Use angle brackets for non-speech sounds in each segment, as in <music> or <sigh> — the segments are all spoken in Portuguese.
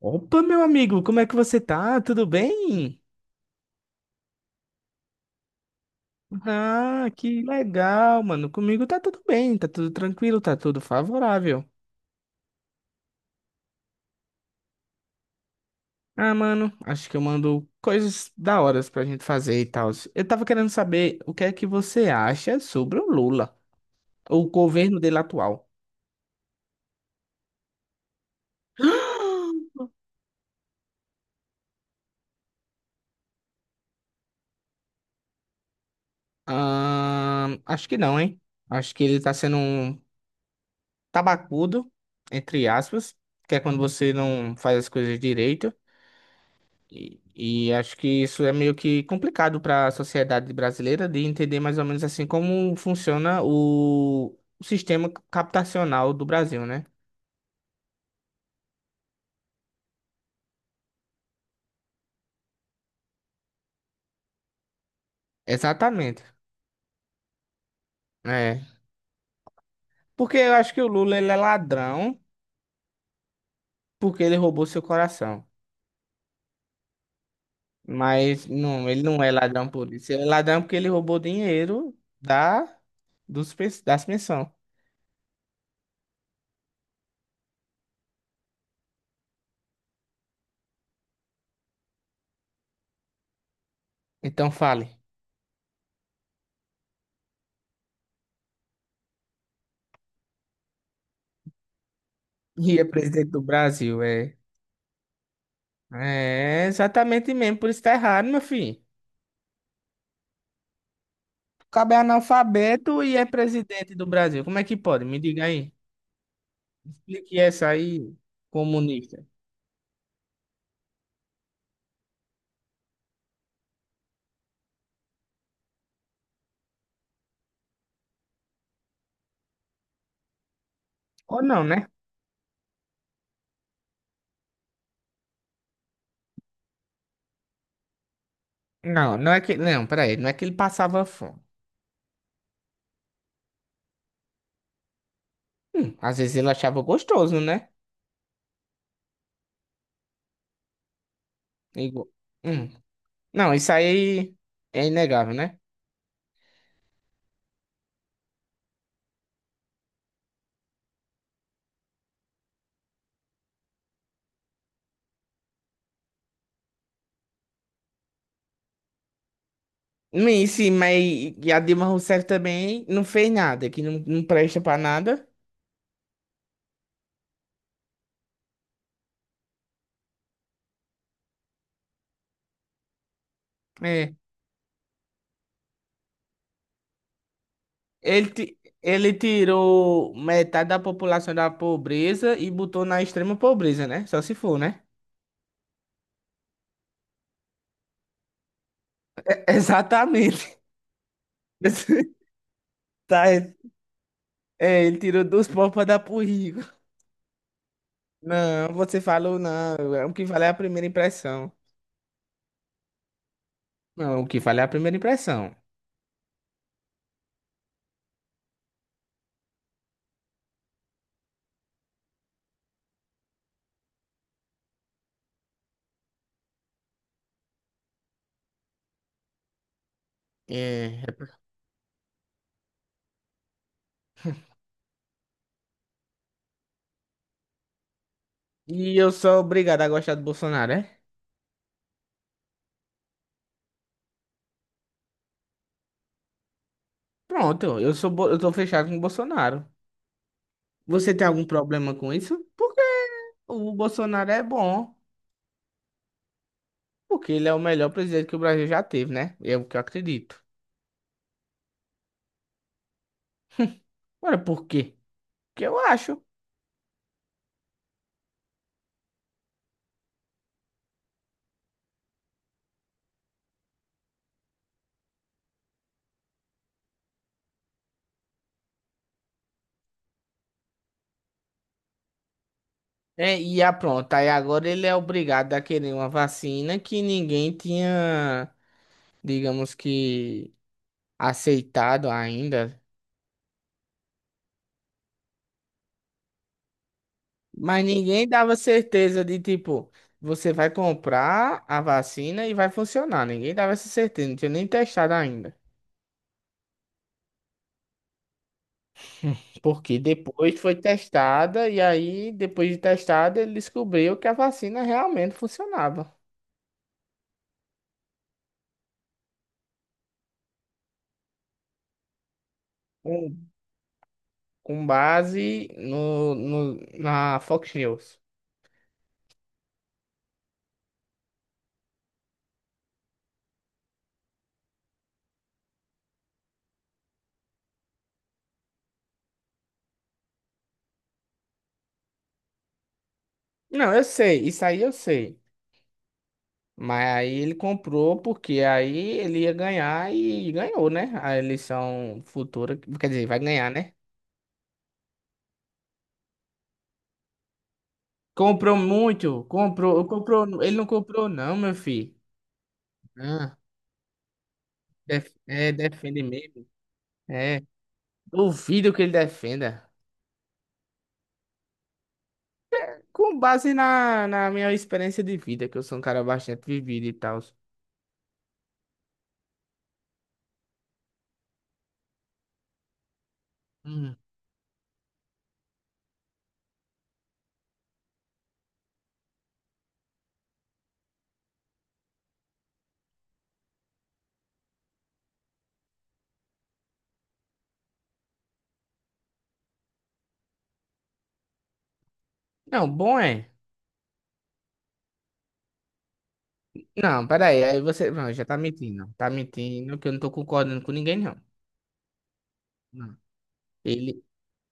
Opa, meu amigo, como é que você tá? Tudo bem? Ah, que legal, mano. Comigo tá tudo bem, tá tudo tranquilo, tá tudo favorável. Ah, mano, acho que eu mando coisas da hora pra gente fazer e tal. Eu tava querendo saber o que é que você acha sobre o Lula, o governo dele atual. Ah, acho que não, hein? Acho que ele tá sendo um tabacudo, entre aspas, que é quando você não faz as coisas direito. E acho que isso é meio que complicado para a sociedade brasileira de entender mais ou menos assim como funciona o sistema captacional do Brasil, né? Exatamente. É. Porque eu acho que o Lula ele é ladrão porque ele roubou seu coração. Mas não, ele não é ladrão por isso. Ele é ladrão porque ele roubou dinheiro da, das pensões. Então fale. E é presidente do Brasil, é. É exatamente mesmo, por isso tá errado, meu filho. Cabo é analfabeto e é presidente do Brasil. Como é que pode? Me diga aí. Explique essa aí, comunista. Ou não, né? Não, peraí. Não é que ele passava fome. Às vezes ele achava gostoso, né? Igual. Hum. Não, isso aí é inegável, né? Sim, mas e a Dilma Rousseff também não fez nada, que não presta pra nada. É. Ele tirou metade da população da pobreza e botou na extrema pobreza, né? Só se for, né? Exatamente. <laughs> Tá, ele, é, ele tirou dos pobres para dar pro rico. Não, você falou não. O que vale é a primeira impressão. Não, o que vale é a primeira impressão. É. E eu sou obrigado a gostar do Bolsonaro, é? Pronto, eu tô fechado com o Bolsonaro. Você tem algum problema com isso? Porque o Bolsonaro é bom. Porque ele é o melhor presidente que o Brasil já teve, né? É o que eu acredito. Agora, por quê? Porque eu acho. É, pronto, aí agora ele é obrigado a querer uma vacina que ninguém tinha, digamos que, aceitado ainda. Mas ninguém dava certeza de, tipo, você vai comprar a vacina e vai funcionar. Ninguém dava essa certeza, não tinha nem testado ainda. Porque depois foi testada e aí, depois de testada, ele descobriu que a vacina realmente funcionava. Com, com base na Fox News. Não, eu sei, isso aí eu sei. Mas aí ele comprou porque aí ele ia ganhar e ganhou, né? A eleição futura, quer dizer, vai ganhar, né? Comprou muito, comprou, comprou, ele não comprou não, meu filho. Ah, é, defende mesmo. É, duvido que ele defenda. Com base na minha experiência de vida, que eu sou um cara bastante vivido e tal. Hum. Não, bom é. Não, peraí, aí você, não, já tá mentindo. Tá mentindo que eu não tô concordando com ninguém, não. Não. Ele,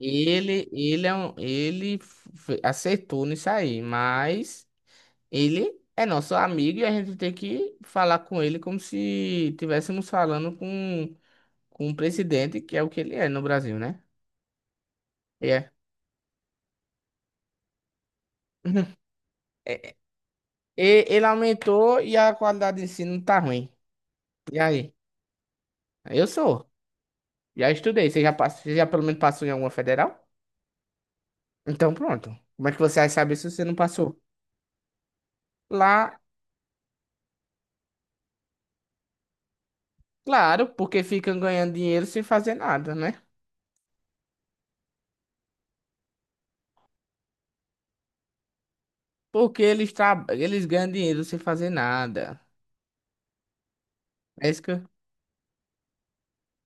É um, aceitou nisso aí, mas ele é nosso amigo e a gente tem que falar com ele como se estivéssemos falando com o presidente, que é o que ele é no Brasil, né? É. <laughs> É, ele aumentou e a qualidade de ensino tá ruim. E aí? Eu sou. Já estudei. Você já pelo menos passou em alguma federal? Então pronto. Como é que você vai saber se você não passou? Lá, claro, porque ficam ganhando dinheiro sem fazer nada, né? Porque eles ganham dinheiro sem fazer nada. É isso que eu...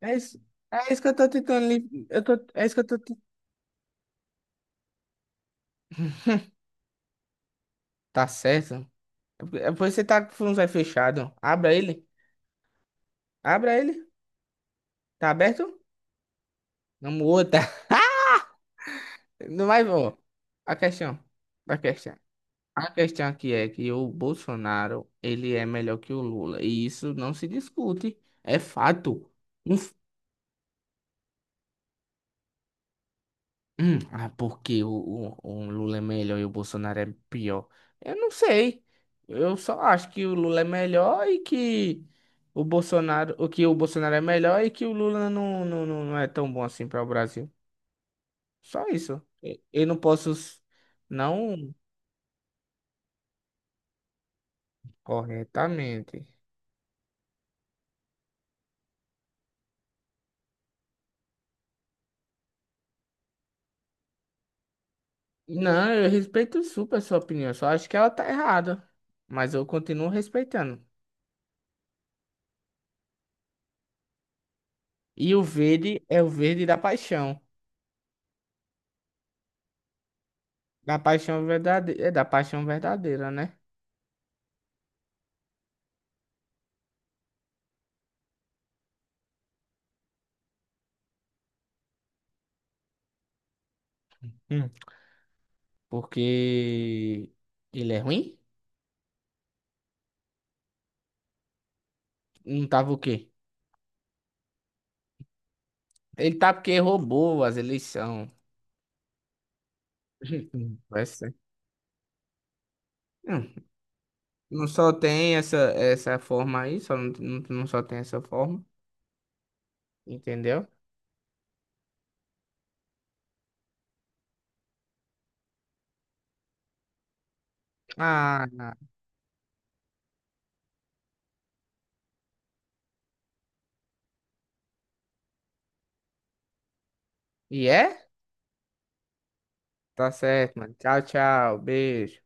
É isso... é isso que eu tô tentando. É isso que eu tô. Tá certo? É porque você tá com o fundo fechado. Abra ele. Abra ele. Tá aberto? Não muda. <laughs> Não vai, ó. A questão. A questão. A questão aqui é que o Bolsonaro, ele é melhor que o Lula. E isso não se discute. É fato. Ah, porque o Lula é melhor e o Bolsonaro é pior? Eu não sei. Eu só acho que o Lula é melhor e que o Bolsonaro, o Bolsonaro é melhor e que o Lula não é tão bom assim para o Brasil. Só isso. Eu não posso, não corretamente. Não, eu respeito super a sua opinião. Só acho que ela tá errada. Mas eu continuo respeitando. E o verde é o verde da paixão. É da paixão verdadeira, né? Hum. Porque ele é ruim? Não tava o quê? Ele tá porque roubou as eleições. <laughs> Vai ser. Não, não só tem essa forma aí, só não, não, não só tem essa forma, entendeu? Ah, e é? Tá certo, mano. Tchau, tchau. Beijo.